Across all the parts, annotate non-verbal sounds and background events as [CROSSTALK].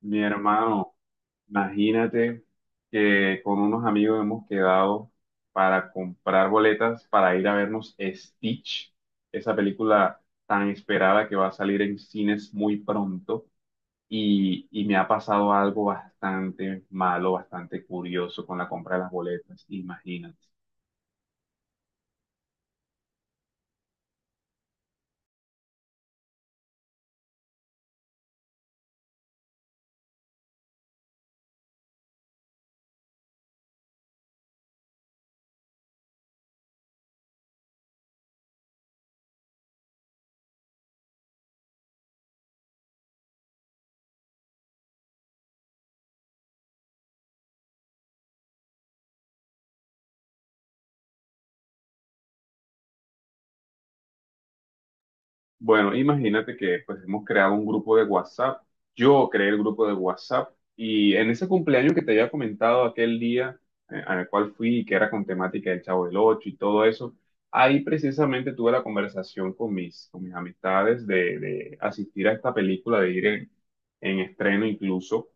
Mi hermano, imagínate que con unos amigos hemos quedado para comprar boletas para ir a vernos Stitch, esa película tan esperada que va a salir en cines muy pronto. Y me ha pasado algo bastante malo, bastante curioso con la compra de las boletas, imagínate. Bueno, imagínate que pues hemos creado un grupo de WhatsApp. Yo creé el grupo de WhatsApp y en ese cumpleaños que te había comentado aquel día al cual fui, que era con temática del Chavo del Ocho y todo eso. Ahí precisamente tuve la conversación con mis amistades de asistir a esta película, de ir en estreno incluso.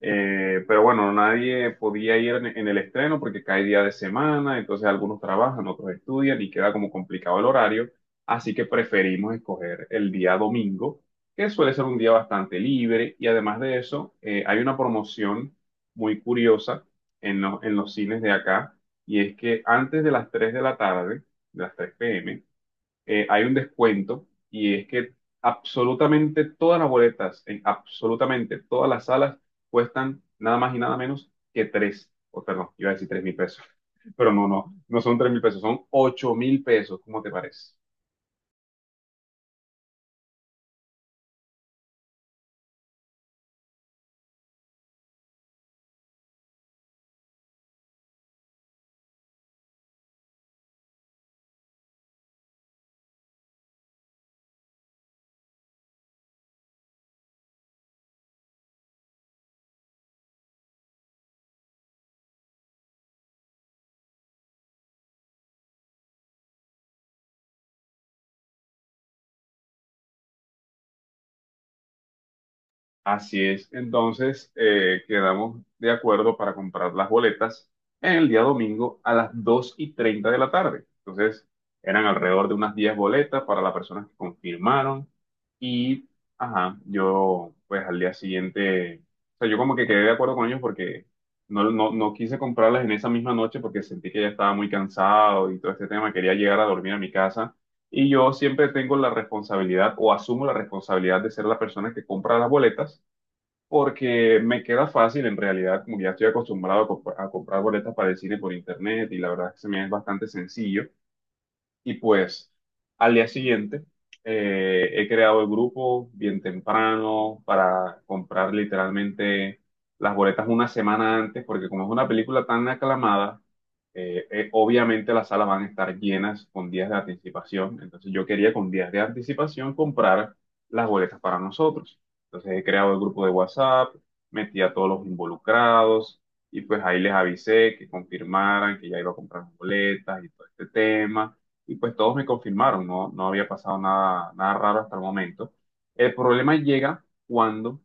Pero bueno, nadie podía ir en el estreno porque cae día de semana, entonces algunos trabajan, otros estudian y queda como complicado el horario, así que preferimos escoger el día domingo, que suele ser un día bastante libre y además de eso, hay una promoción muy curiosa en los cines de acá, y es que antes de las 3 de la tarde, de las 3 p. m. Hay un descuento, y es que absolutamente todas las boletas en absolutamente todas las salas cuestan nada más y nada menos que tres, o perdón, iba a decir 3.000 pesos, [LAUGHS] pero no, no, no son 3.000 pesos, son 8.000 pesos. ¿Cómo te parece? Así es. Entonces, quedamos de acuerdo para comprar las boletas en el día domingo a las 2:30 de la tarde. Entonces, eran alrededor de unas 10 boletas para las personas que confirmaron. Y, ajá, yo pues al día siguiente, o sea, yo como que quedé de acuerdo con ellos porque no, no, no quise comprarlas en esa misma noche porque sentí que ya estaba muy cansado y todo este tema. Quería llegar a dormir a mi casa. Y yo siempre tengo la responsabilidad, o asumo la responsabilidad de ser la persona que compra las boletas porque me queda fácil, en realidad, como que ya estoy acostumbrado a comprar boletas para el cine por internet, y la verdad es que se me es bastante sencillo. Y pues al día siguiente he creado el grupo bien temprano para comprar literalmente las boletas una semana antes, porque como es una película tan aclamada, obviamente las salas van a estar llenas con días de anticipación. Entonces yo quería con días de anticipación comprar las boletas para nosotros. Entonces he creado el grupo de WhatsApp, metí a todos los involucrados y pues ahí les avisé que confirmaran, que ya iba a comprar boletas y todo este tema, y pues todos me confirmaron. No, no había pasado nada, nada raro hasta el momento. El problema llega cuando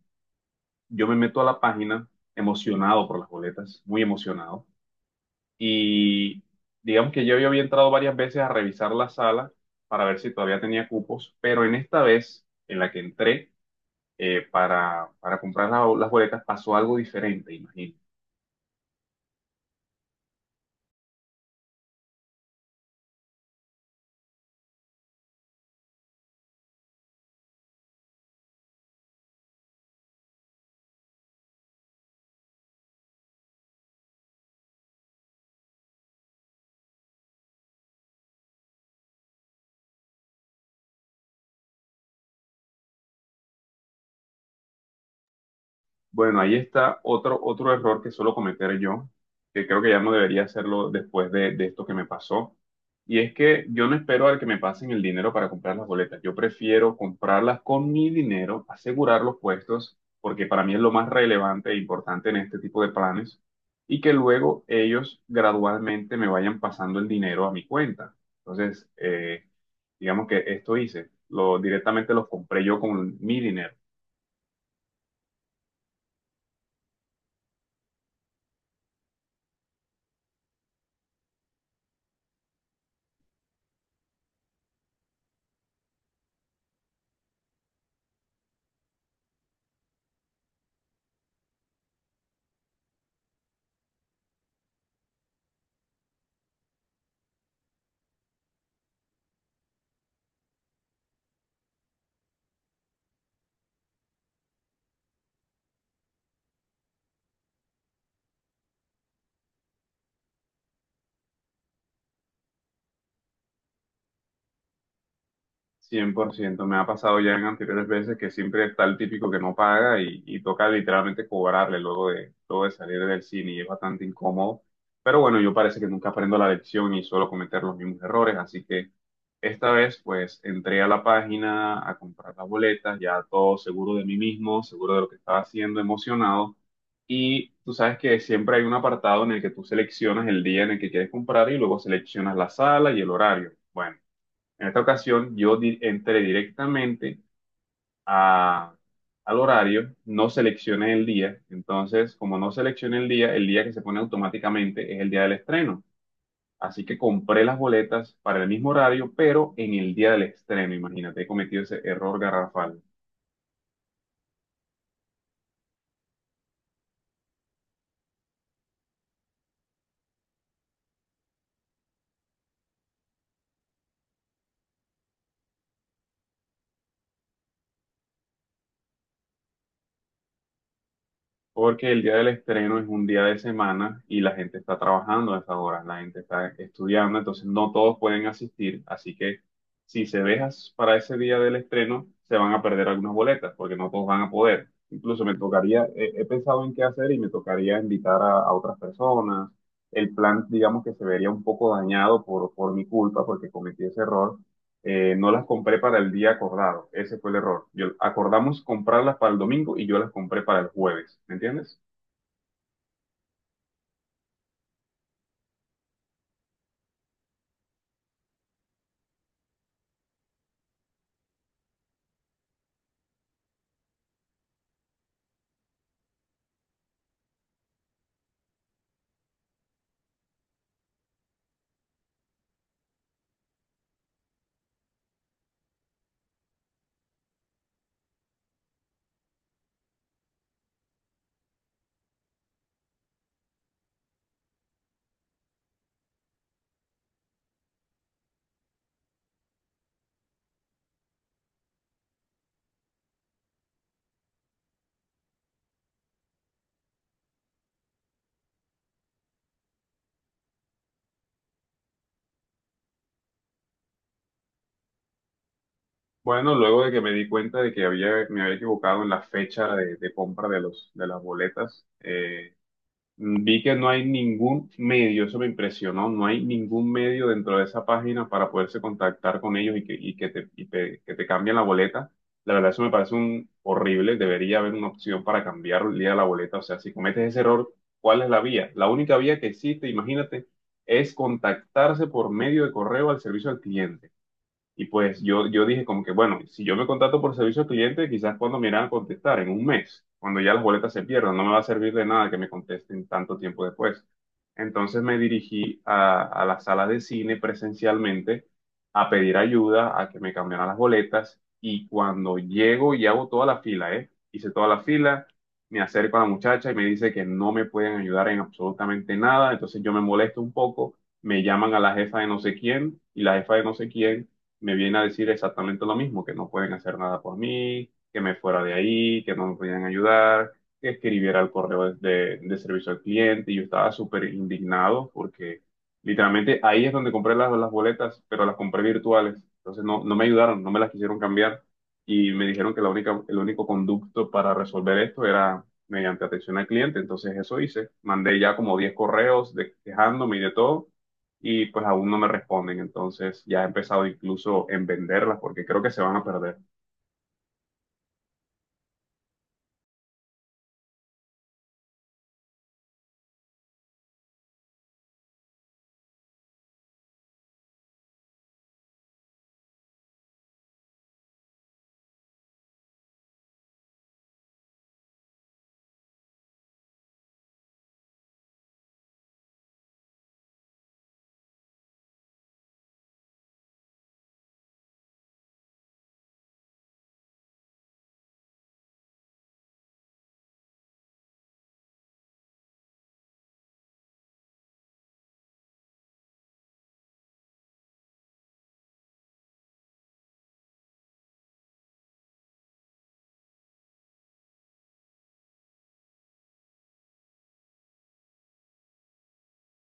yo me meto a la página emocionado por las boletas, muy emocionado, y digamos que yo ya había entrado varias veces a revisar la sala para ver si todavía tenía cupos, pero en esta vez en la que entré para comprar las boletas pasó algo diferente, imagínate. Bueno, ahí está otro error que suelo cometer yo, que creo que ya no debería hacerlo después de esto que me pasó. Y es que yo no espero al que me pasen el dinero para comprar las boletas. Yo prefiero comprarlas con mi dinero, asegurar los puestos, porque para mí es lo más relevante e importante en este tipo de planes, y que luego ellos gradualmente me vayan pasando el dinero a mi cuenta. Entonces, digamos que esto hice, directamente los compré yo con mi dinero. 100% me ha pasado ya en anteriores veces, que siempre está el típico que no paga y toca literalmente cobrarle luego de salir del cine, y es bastante incómodo. Pero bueno, yo parece que nunca aprendo la lección y suelo cometer los mismos errores, así que esta vez pues entré a la página a comprar las boletas, ya todo seguro de mí mismo, seguro de lo que estaba haciendo, emocionado. Y tú sabes que siempre hay un apartado en el que tú seleccionas el día en el que quieres comprar, y luego seleccionas la sala y el horario. Bueno. En esta ocasión yo entré directamente a- al horario, no seleccioné el día, entonces como no seleccioné el día que se pone automáticamente es el día del estreno. Así que compré las boletas para el mismo horario, pero en el día del estreno, imagínate, he cometido ese error garrafal. Porque el día del estreno es un día de semana y la gente está trabajando a esa hora, la gente está estudiando, entonces no todos pueden asistir, así que si se dejas para ese día del estreno, se van a perder algunas boletas, porque no todos van a poder. Incluso me tocaría, he pensado en qué hacer, y me tocaría invitar a otras personas. El plan, digamos que se vería un poco dañado por mi culpa, porque cometí ese error, no las compré para el día acordado. Ese fue el error. Yo, acordamos comprarlas para el domingo y yo las compré para el jueves. ¿Me entiendes? Bueno, luego de que me di cuenta de que me había equivocado en la fecha de compra de de las boletas, vi que no hay ningún medio, eso me impresionó, no hay ningún medio dentro de esa página para poderse contactar con ellos, y que te cambien la boleta. La verdad, eso me parece un horrible, debería haber una opción para cambiar el día de la boleta. O sea, si cometes ese error, ¿cuál es la vía? La única vía que existe, imagínate, es contactarse por medio de correo al servicio al cliente. Y pues yo dije como que, bueno, si yo me contrato por servicio al cliente, quizás cuando me irán a contestar, en un mes, cuando ya las boletas se pierdan, no me va a servir de nada que me contesten tanto tiempo después. Entonces me dirigí a la sala de cine presencialmente a pedir ayuda, a que me cambiaran las boletas, y cuando llego y hago toda la fila, ¿eh? Hice toda la fila, me acerco a la muchacha y me dice que no me pueden ayudar en absolutamente nada, entonces yo me molesto un poco, me llaman a la jefa de no sé quién, y la jefa de no sé quién me viene a decir exactamente lo mismo, que no pueden hacer nada por mí, que me fuera de ahí, que no me podían ayudar, que escribiera el correo de servicio al cliente, y yo estaba súper indignado porque literalmente ahí es donde compré las boletas, pero las compré virtuales, entonces no me ayudaron, no me las quisieron cambiar, y me dijeron que la única, el único conducto para resolver esto era mediante atención al cliente. Entonces eso hice, mandé ya como 10 correos quejándome y de todo, y pues aún no me responden. Entonces ya he empezado incluso en venderlas porque creo que se van a perder.